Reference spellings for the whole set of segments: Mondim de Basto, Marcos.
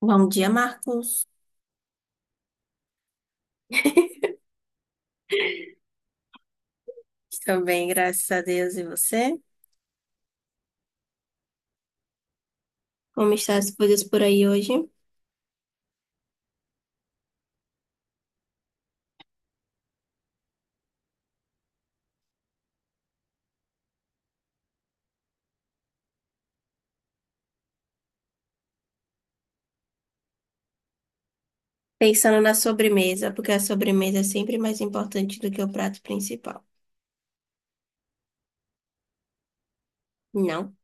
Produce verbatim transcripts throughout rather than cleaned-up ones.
Bom dia, Marcos. Estou bem, graças a Deus. E você? Como estão as coisas por aí hoje? Pensando na sobremesa, porque a sobremesa é sempre mais importante do que o prato principal. Não,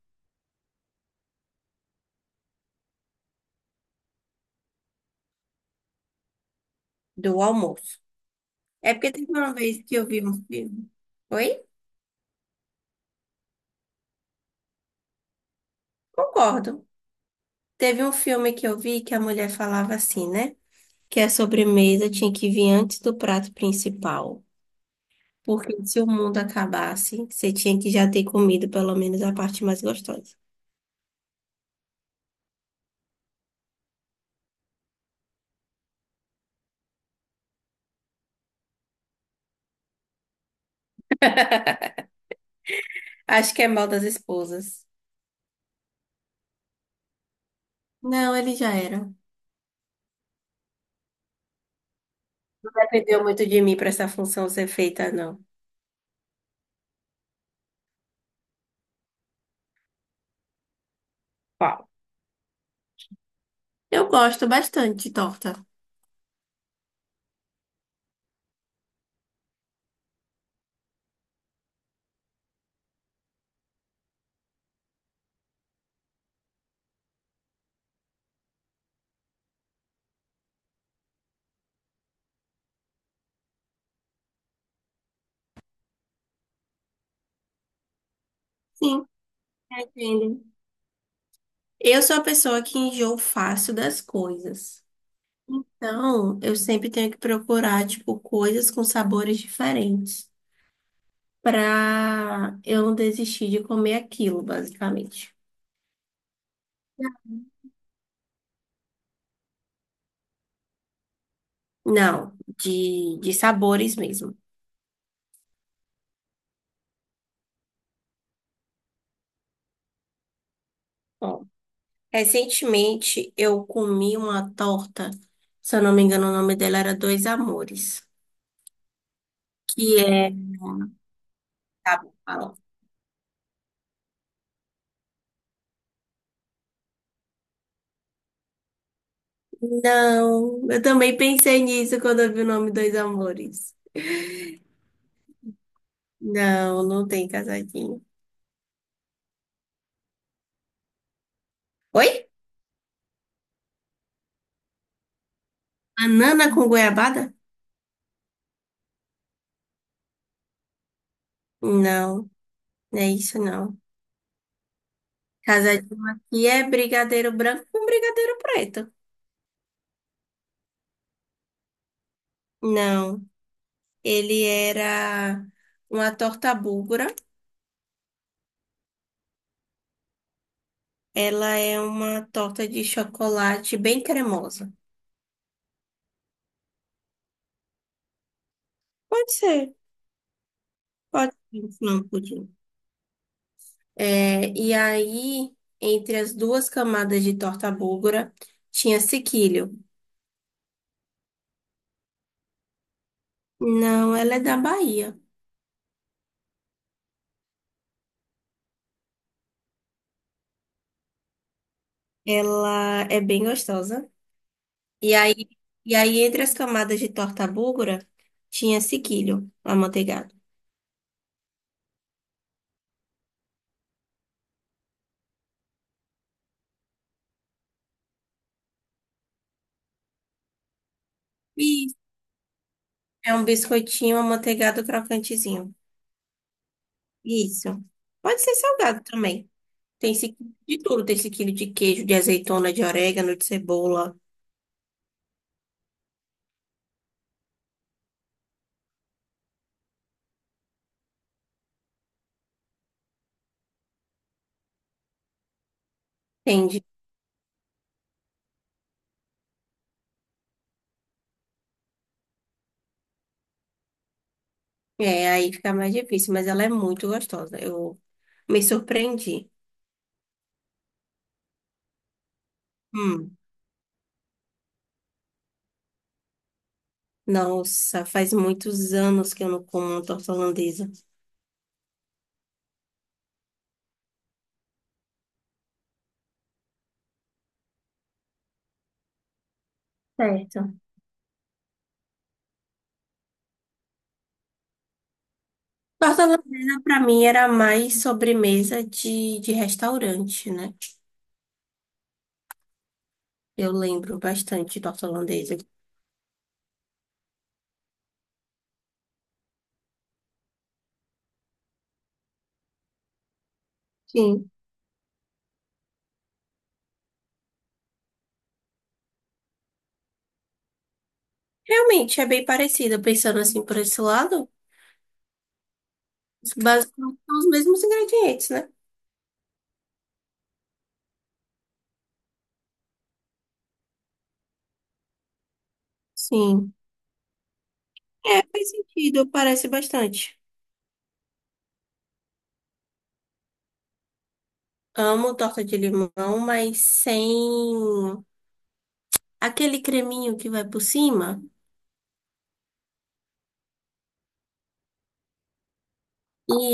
do almoço. É porque teve uma vez que eu vi um filme. Oi? Concordo. Teve um filme que eu vi que a mulher falava assim, né? Que a sobremesa tinha que vir antes do prato principal. Porque se o mundo acabasse, você tinha que já ter comido pelo menos a parte mais gostosa. Acho que é mal das esposas. Não, ele já era. Não dependeu muito de mim para essa função ser feita, não. Qual? Eu gosto bastante de torta. Sim, entendo. Eu sou a pessoa que enjoo fácil das coisas. Então, eu sempre tenho que procurar, tipo, coisas com sabores diferentes pra eu não desistir de comer aquilo, basicamente. Não, de, de sabores mesmo. Recentemente eu comi uma torta, se eu não me engano, o nome dela era Dois Amores, que é. Tá bom, fala. Não, eu também pensei nisso quando eu vi o nome Dois Amores. Não, não tem casadinho. Oi? Banana com goiabada? Não, não é isso não. Casadinho aqui é brigadeiro branco com brigadeiro preto. Não, ele era uma torta búlgara. Ela é uma torta de chocolate bem cremosa. Pode ser, pode ser no final pudim. É, e aí, entre as duas camadas de torta búlgara, tinha sequilho. Não, ela é da Bahia. Ela é bem gostosa. E aí, e aí entre as camadas de torta búlgara, tinha sequilho, amanteigado. Isso. É um biscoitinho amanteigado crocantezinho. Isso. Pode ser salgado também. Tem sequilho de tudo. Tem sequilho de queijo, de azeitona, de orégano, de cebola. Tem é, aí fica mais difícil, mas ela é muito gostosa. Eu me surpreendi. Hum. Nossa, faz muitos anos que eu não como uma torta holandesa. Certo. Torta holandesa, pra mim, era mais sobremesa de, de restaurante, né? Eu lembro bastante de torta holandesa. Sim. Realmente é bem parecida, pensando assim por esse lado. Basicamente são os mesmos ingredientes, né? Sim. É, faz sentido, parece bastante. Amo torta de limão, mas sem. Aquele creminho que vai por cima?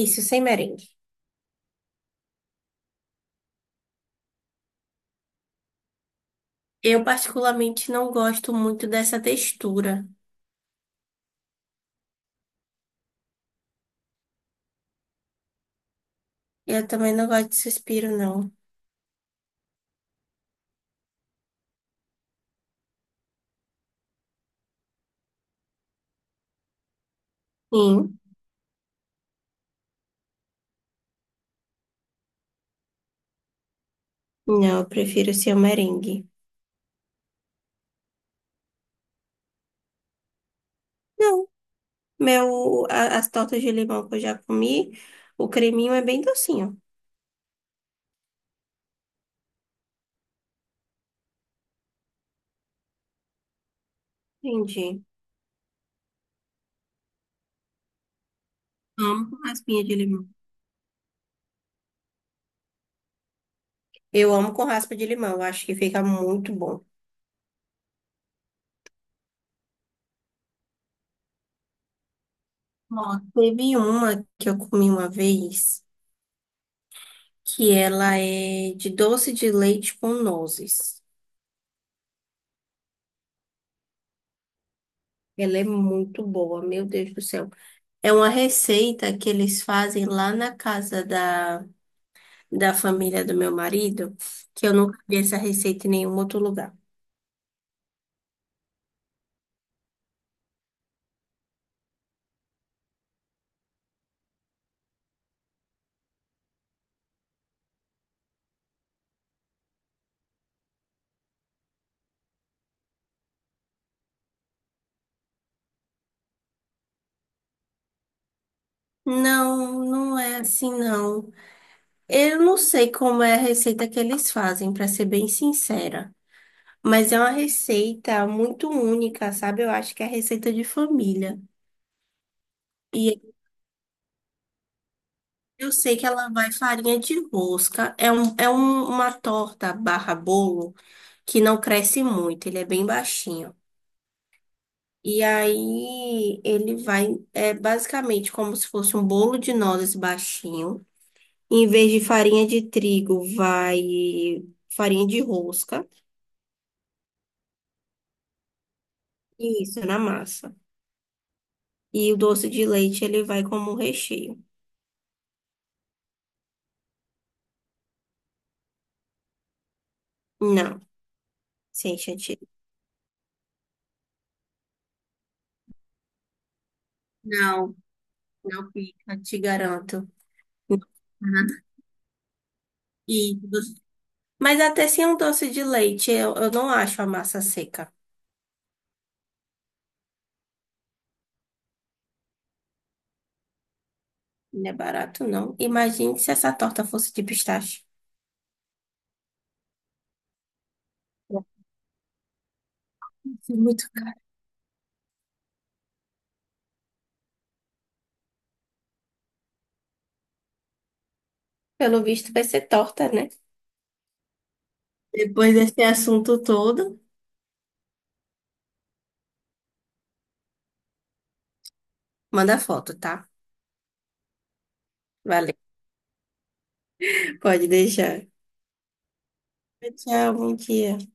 Isso, sem merengue. Eu particularmente não gosto muito dessa textura. Eu também não gosto de suspiro, não. Sim, não, eu prefiro ser o merengue. Não, meu, a- as tortas de limão que eu já comi, o creminho é bem docinho. Entendi. Amo com raspinha de limão. Eu amo com raspa de limão, eu acho que fica muito bom. Ó, teve uma que eu comi uma vez, que ela é de doce de leite com nozes. Ela é muito boa, meu Deus do céu. É uma receita que eles fazem lá na casa da, da família do meu marido, que eu nunca vi essa receita em nenhum outro lugar. Não, não é assim, não. Eu não sei como é a receita que eles fazem, para ser bem sincera. Mas é uma receita muito única, sabe? Eu acho que é receita de família. E eu sei que ela vai farinha de rosca. É, um, é um- uma torta barra bolo que não cresce muito, ele é bem baixinho. E aí ele vai, é basicamente como se fosse um bolo de nozes baixinho. Em vez de farinha de trigo, vai farinha de rosca. Isso, na massa. E o doce de leite ele vai como um recheio. Não, sem chantilly. Não, não fica, te garanto. Uhum. E, doce- mas até sem um doce de leite, eu, eu não acho a massa seca. Não é barato, não. Imagine se essa torta fosse de pistache. Vai ser muito caro. Pelo visto, vai ser torta, né? Depois desse assunto todo, manda foto, tá? Valeu. Pode deixar. Tchau, bom dia.